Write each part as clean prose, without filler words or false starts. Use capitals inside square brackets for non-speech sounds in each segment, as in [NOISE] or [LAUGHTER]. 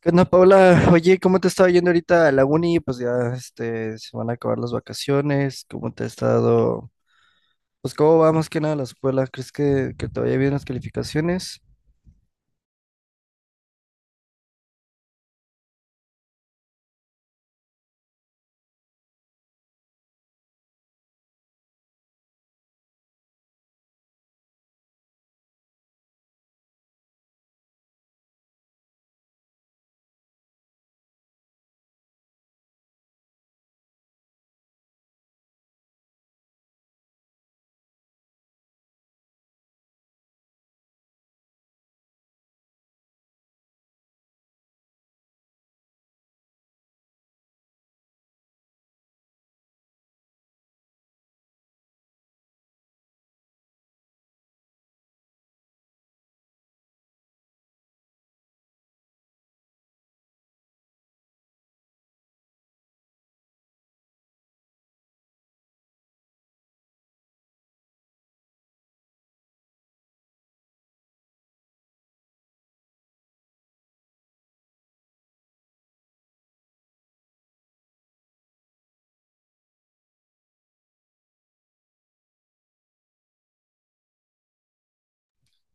¿Qué onda, Paula? Oye, ¿cómo te estaba yendo ahorita a la uni? Pues ya se van a acabar las vacaciones. ¿Cómo te ha estado? Pues, ¿cómo va más que nada la escuela? ¿Crees que te vaya bien las calificaciones?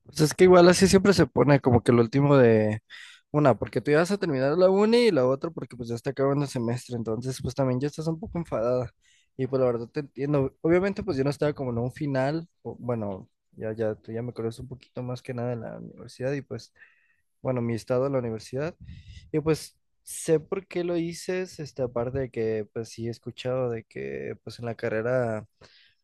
Pues es que igual así siempre se pone como que lo último de una, porque tú ya vas a terminar la uni y la otra porque pues ya está acabando el semestre. Entonces, pues también ya estás un poco enfadada. Y pues la verdad te entiendo. Obviamente, pues yo no estaba como en un final. Bueno, ya, ya, tú ya me conoces un poquito más que nada en la universidad y pues, bueno, mi estado de la universidad. Y pues sé por qué lo hices, aparte de que pues sí he escuchado de que pues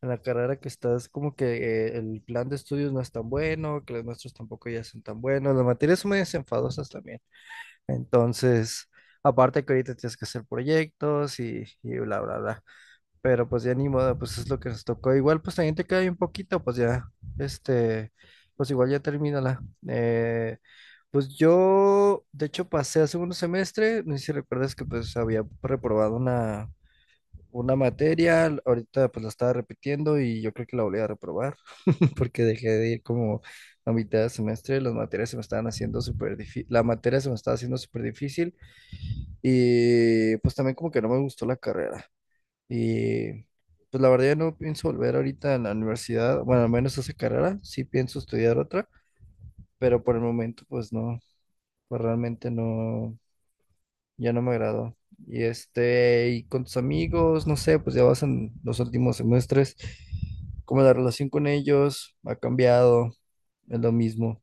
en la carrera que estás como que el plan de estudios no es tan bueno, que los nuestros tampoco ya son tan buenos, las materias son medio enfadosas también. Entonces, aparte que ahorita tienes que hacer proyectos y bla, bla, bla. Pero pues ya ni modo, pues es lo que nos tocó. Igual pues también te queda bien poquito, pues ya, este, pues igual ya termínala. Eh, pues yo, de hecho, pasé a segundo semestre, no sé si recuerdas que pues había reprobado una materia, ahorita pues la estaba repitiendo y yo creo que la volví a reprobar [LAUGHS] porque dejé de ir como a mitad de semestre, las materias se me estaban haciendo súper difícil, la materia se me estaba haciendo súper difícil y pues también como que no me gustó la carrera. Y pues la verdad ya no pienso volver ahorita a la universidad, bueno, al menos a esa carrera, sí pienso estudiar otra, pero por el momento pues no, pues realmente no, ya no me agradó. Y este, y con tus amigos, no sé, pues ya vas en los últimos semestres, como la relación con ellos ha cambiado, es lo mismo.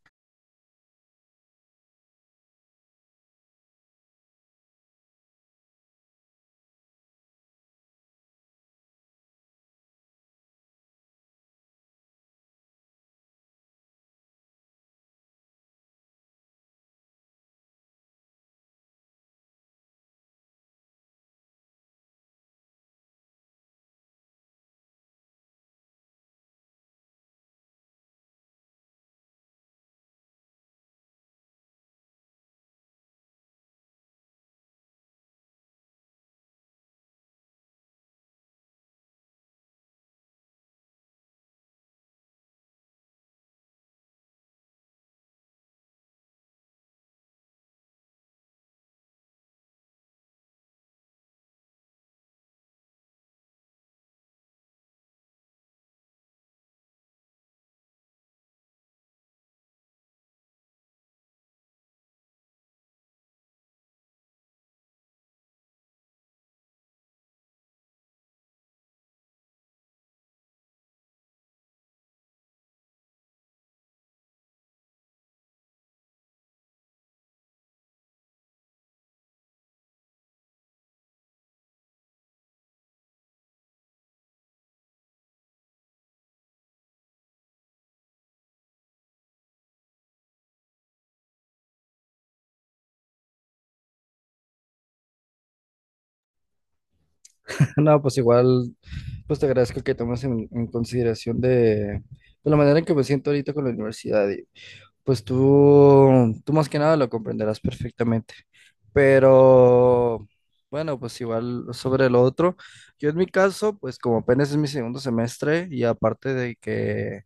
[LAUGHS] No, pues igual, pues te agradezco que tomes en consideración de la manera en que me siento ahorita con la universidad. Pues tú más que nada lo comprenderás perfectamente. Pero bueno, pues igual sobre lo otro, yo en mi caso, pues como apenas es mi segundo semestre y aparte de que,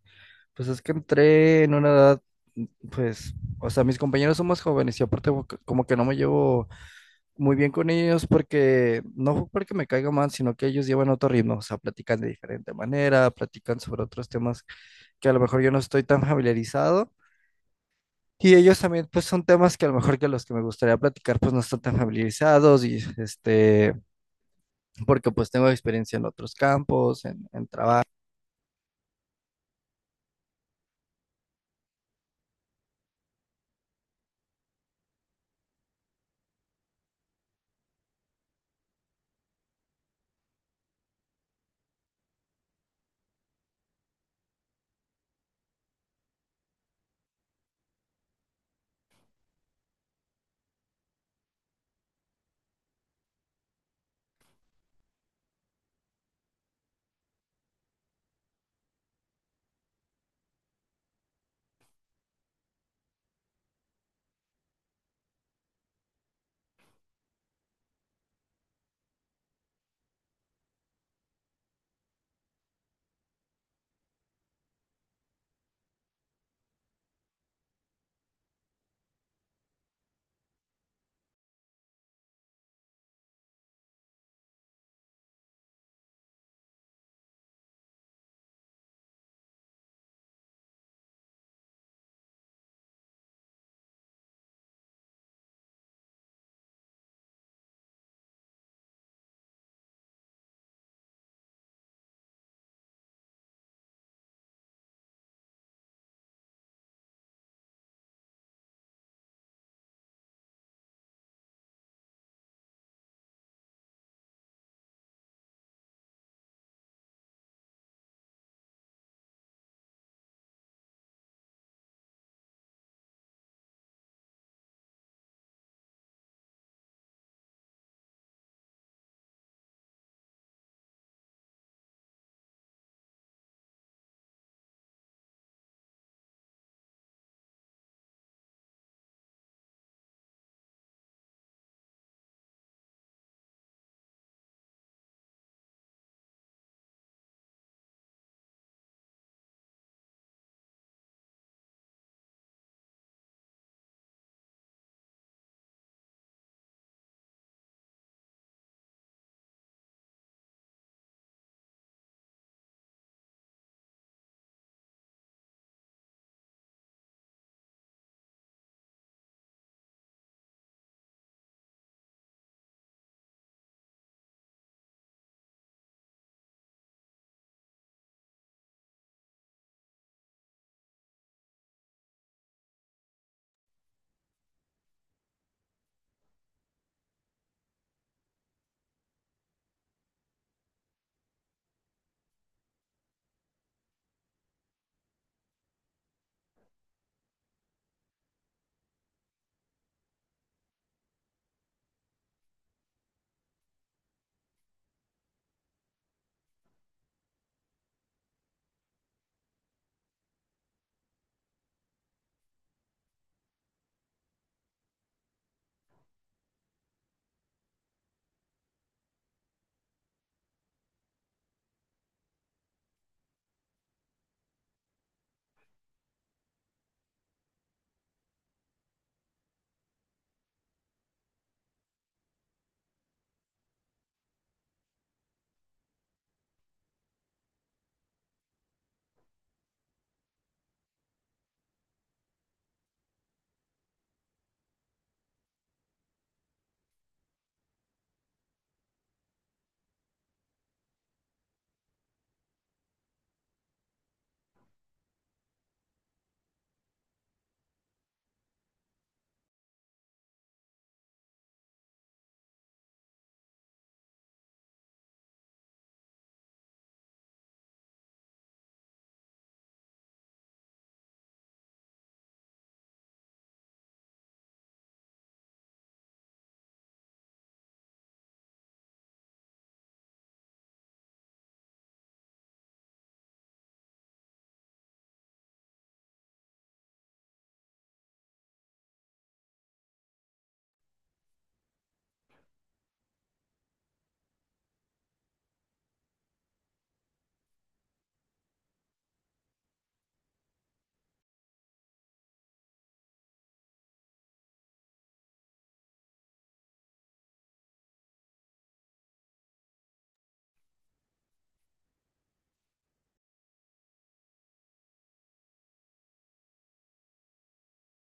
pues es que entré en una edad, pues, o sea, mis compañeros son más jóvenes y aparte como que no me llevo muy bien con ellos porque no fue porque me caiga mal, sino que ellos llevan otro ritmo, o sea, platican de diferente manera, platican sobre otros temas que a lo mejor yo no estoy tan familiarizado. Y ellos también, pues son temas que a lo mejor que los que me gustaría platicar, pues no están tan familiarizados y porque pues tengo experiencia en otros campos, en trabajo.